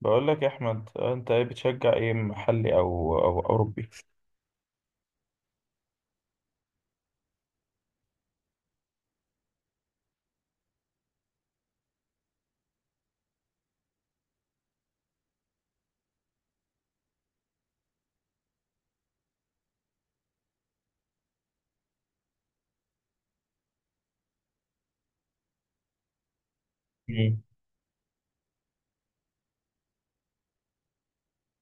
بقول لك يا احمد، انت ايه بتشجع؟ ايه، محلي او اوروبي؟ مم.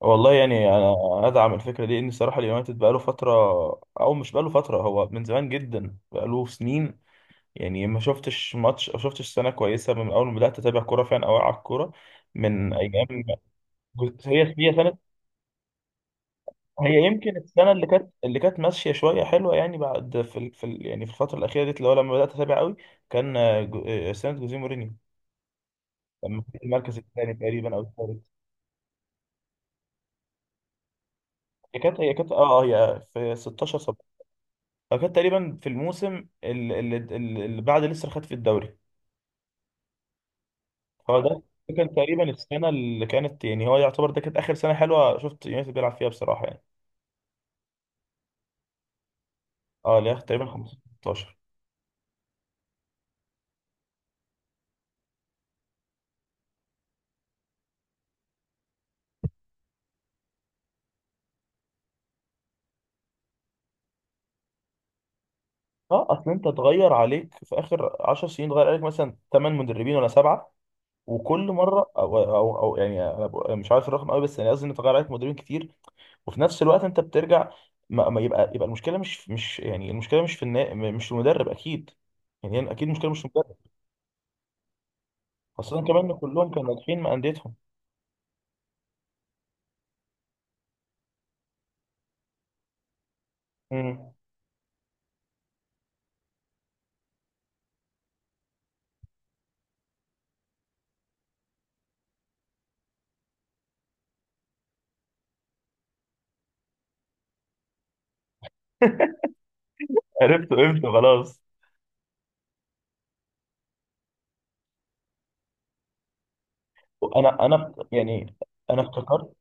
والله يعني انا ادعم الفكره دي. ان الصراحه اليونايتد بقاله فتره، او مش بقاله فتره، هو من زمان جدا بقاله سنين. يعني ما شفتش ماتش او شفتش سنه كويسه من اول ما بدات اتابع كوره فعلا او على الكوره من ايام. هي سنه. هي يمكن السنه اللي كانت ماشيه شويه حلوه يعني بعد يعني في الفتره الاخيره ديت، اللي هو لما بدات اتابع قوي، كان سنه جوزيه مورينيو، لما كان المركز الثاني تقريبا او الثالث. هي كانت هي في 16 17، كانت تقريبا في الموسم اللي بعد لسه خد في الدوري. هو ده. ده كان تقريبا السنه اللي كانت، يعني هو يعتبر ده كانت اخر سنه حلوه شفت يونايتد بيلعب فيها بصراحه يعني، اه، اللي هي تقريبا 15 16. اه اصل انت اتغير عليك في اخر 10 سنين، اتغير عليك مثلا 8 مدربين ولا سبعه. وكل مره او يعني انا مش عارف الرقم قوي، بس يعني قصدي ان اتغير عليك مدربين كتير. وفي نفس الوقت انت بترجع. ما يبقى المشكله مش يعني المشكله مش في المدرب اكيد. يعني هي اكيد المشكله مش في المدرب، خاصه كمان ان كلهم كانوا ناجحين مع انديتهم. مم. عرفت عرفت خلاص. انا يعني، انا افتكرت.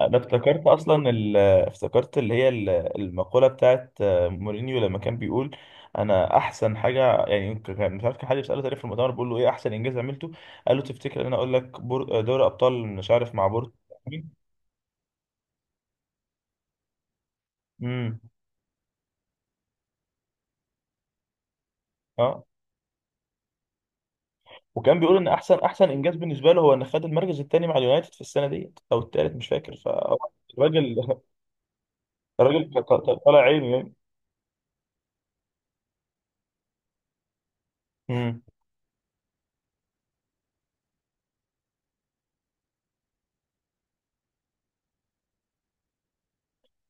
انا افتكرت افتكرت المقوله بتاعت مورينيو لما كان بيقول انا احسن حاجه يعني، مش عارف، كان حد بيساله تقريبا في المؤتمر بيقول له ايه احسن انجاز عملته، قال له تفتكر ان انا اقول لك دوري ابطال مش عارف مع بورتو. امم اه، وكان بيقول ان احسن انجاز بالنسبه له هو ان خد المركز الثاني مع اليونايتد في السنه ديت او الثالث مش فاكر فالراجل. الراجل طالع عينه يعني. امم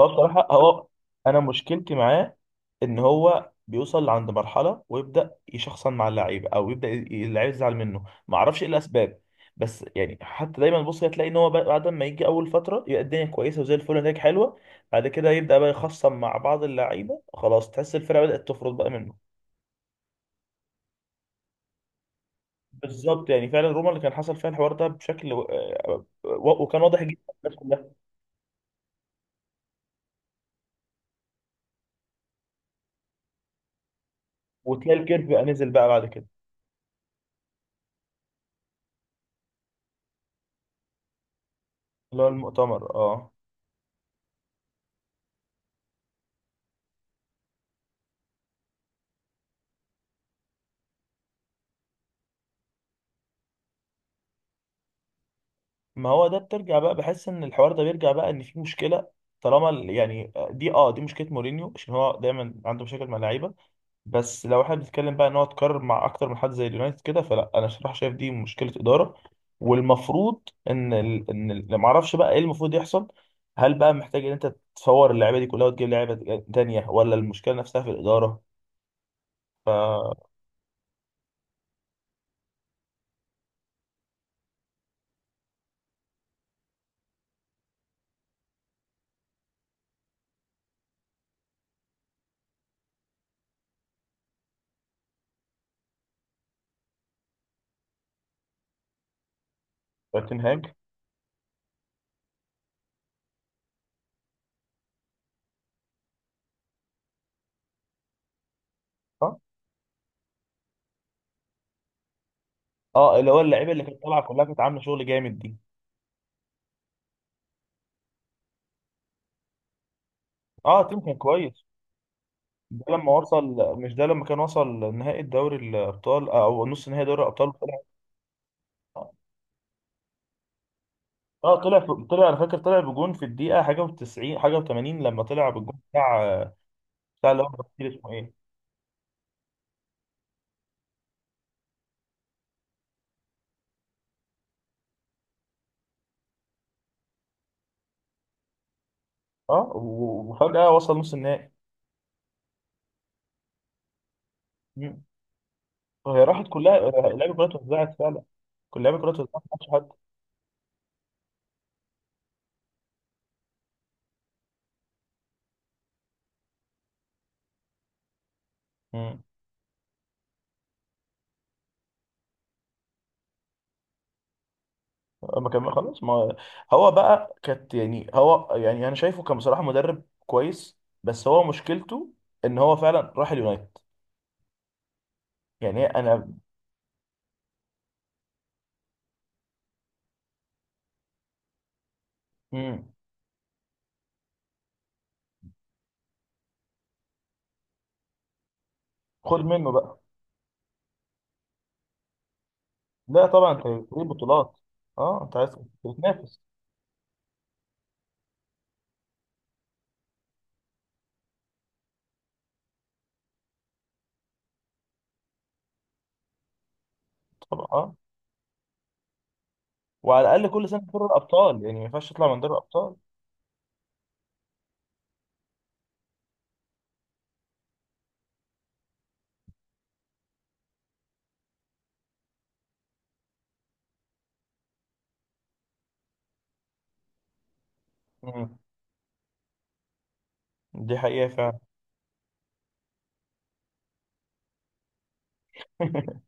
هو بصراحه هو، انا مشكلتي معاه ان هو بيوصل عند مرحله ويبدا يشخصن مع اللعيبه، او يبدا اللعيبه يزعل منه ما اعرفش ايه الاسباب. بس يعني حتى دايما بص هتلاقي ان هو بعد ما يجي اول فتره يبقى الدنيا كويسه وزي الفل ونتائج حلوه، بعد كده يبدا بقى يخصم مع بعض اللعيبه، خلاص تحس الفرقه بدات تفرط بقى منه. بالظبط، يعني فعلا روما اللي كان حصل فيها الحوار ده بشكل وكان واضح جدا للناس كلها. وتلاقي الكيرف بقى نزل بقى بعد كده، اللي هو المؤتمر، اه. ما هو ده بترجع بقى، بحس ان الحوار ده بيرجع بقى ان في مشكله. طالما يعني دي، دي مشكله مورينيو عشان هو دايما عنده مشاكل مع اللعيبه. بس لو احنا بنتكلم بقى ان هو اتكرر مع اكتر من حد زي اليونايتد كده، فلا، انا صراحه شايف دي مشكله اداره. والمفروض ان ما اعرفش بقى ايه المفروض يحصل. هل بقى محتاج ان انت تفور اللعيبه دي كلها وتجيب لعيبه تانيه، ولا المشكله نفسها في الاداره؟ ف تين هاج. صح. اه، اللي هو اللعيبه اللي كانت طالعه كلها كانت عامله شغل جامد دي. اه، تيم كان كويس. ده لما وصل، مش ده لما كان وصل نهائي الدوري الابطال او نص نهائي دوري الابطال وطلع. اه، طلع، انا فاكر، طلع بجون في الدقيقه حاجه و90 حاجه و80، لما طلع بالجون بتاع اللي هو برازيل اسمه ايه. اه و- وفجاه وصل نص النهائي. مم. وهي راحت كلها، اللعيبه كلها اتوزعت فعلا، كل اللعيبه كلها اتوزعت، ما حدش حد. مم. ما كان خلاص. ما هو بقى كانت، يعني هو، يعني انا شايفه كان بصراحه مدرب كويس، بس هو مشكلته ان هو فعلا راح اليونايتد. يعني انا. مم. خد منه بقى. لا طبعا انت بتجيب بطولات. اه، انت عايز تتنافس. طبعا. اه، وعلى الاقل كل سنه في دوري الابطال يعني، ما ينفعش تطلع من دوري الابطال. مم. دي حقيقه فعلا.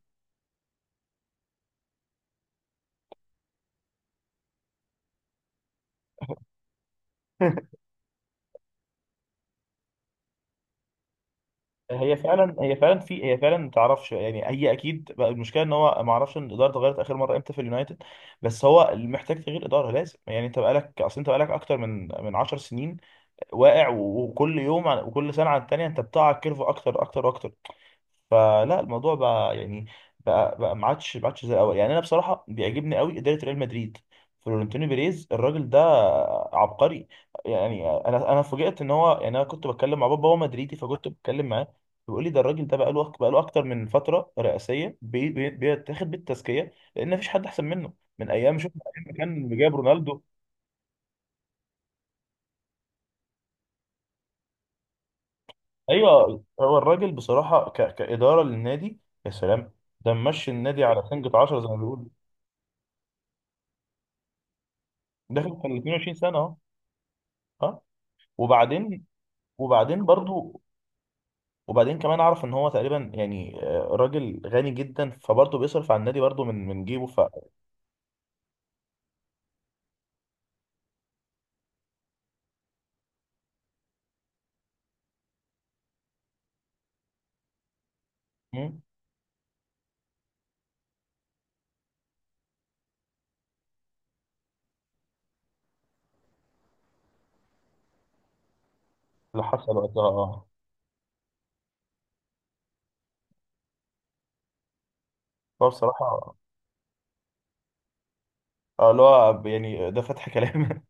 هي فعلا ما تعرفش يعني. هي اكيد بقى المشكله، ان هو ما اعرفش ان الاداره اتغيرت اخر مره امتى في اليونايتد، بس هو محتاج تغيير اداره لازم. يعني انت بقالك، اصل انت بقالك اكتر من 10 سنين واقع، و- وكل يوم وكل سنه عن التانيه انت بتقع الكيرف اكتر اكتر واكتر. فلا الموضوع بقى يعني، بقى ما عادش ما عادش زي الاول. يعني انا بصراحه بيعجبني قوي اداره ريال مدريد. فلورنتينو بيريز الراجل ده عبقري، يعني. انا فوجئت ان هو، يعني انا كنت بتكلم مع بابا، هو مدريدي، فكنت بتكلم معاه بيقول لي ده الراجل ده بقى له اكتر من فتره رئاسيه، بيتاخد بالتزكيه لان مفيش حد احسن منه. من ايام، شوف ايام ما كان جايب رونالدو. ايوه، هو الراجل بصراحه كاداره للنادي، يا سلام. ده ممشي النادي على سنجة 10 زي ما بيقولوا. داخل في ال 22 سنة اهو. ها. وبعدين وبعدين برضو، وبعدين كمان اعرف ان هو تقريبا، يعني راجل غني جدا، فبرضه بيصرف على النادي برضه من جيبه. مم. اللي حصل وقتها، اه. هو بصراحة، اه، اللي هو يعني ده فتح كلام.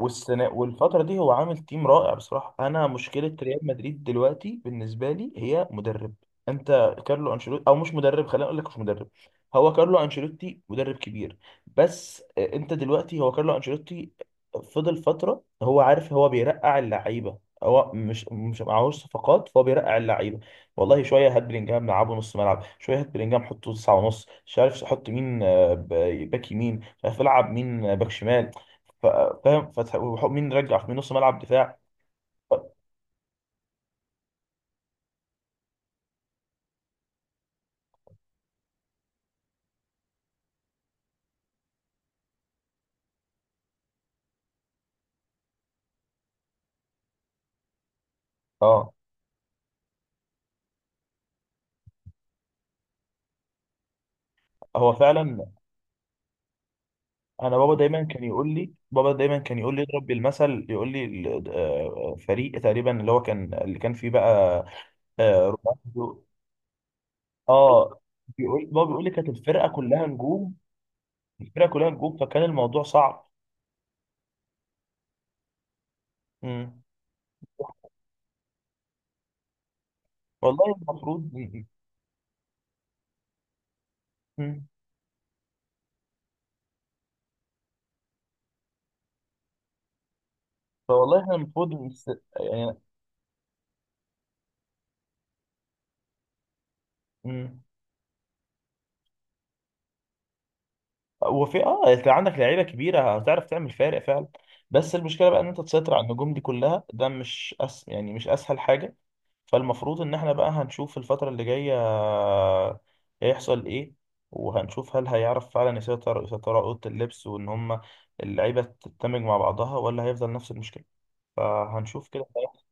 والسنة والفترة دي هو عامل تيم رائع بصراحة. أنا مشكلة ريال مدريد دلوقتي بالنسبة لي هي مدرب. أنت كارلو أنشيلوتي، أو مش مدرب، خلينا أقول لك مش مدرب. هو كارلو أنشيلوتي مدرب كبير، بس أنت دلوقتي هو كارلو أنشيلوتي فضل فترة، هو عارف هو بيرقع اللعيبة. هو مش معهوش صفقات، فهو بيرقع اللعيبه. والله شويه هات بلينجهام لعبه نص ملعب، شويه هات بلينجهام حطه تسعة ونص، مش عارف حط مين باك يمين، مش عارف العب مين باك شمال. ف- فاهم؟ فتح مين رجع في نص ملعب دفاع. ف- اه هو فعلا. انا بابا دايما كان يقول لي بابا دايما كان يقول لي اضرب بالمثل، يقول لي فريق تقريبا اللي هو كان، اللي كان فيه بقى، رونالدو. اه، بيقول بابا، بيقول لي كانت الفرقه كلها نجوم. الفرقه كلها نجوم فكان الموضوع صعب. مم. والله المفروض. مم. فوالله احنا المفروض يعني. مم. وفي، اه، انت عندك لعيبه كبيره هتعرف تعمل فارق فعلا، بس المشكله بقى ان انت تسيطر على النجوم دي كلها، ده مش يعني مش اسهل حاجه. فالمفروض ان احنا بقى هنشوف الفتره اللي جايه هيحصل ايه، وهنشوف هل هيعرف فعلا يسيطر على اوضه اللبس، وان هم اللعيبه تندمج مع بعضها، ولا هيفضل نفس المشكله. فهنشوف كده هيحصل.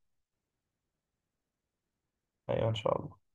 ايوه ان شاء الله.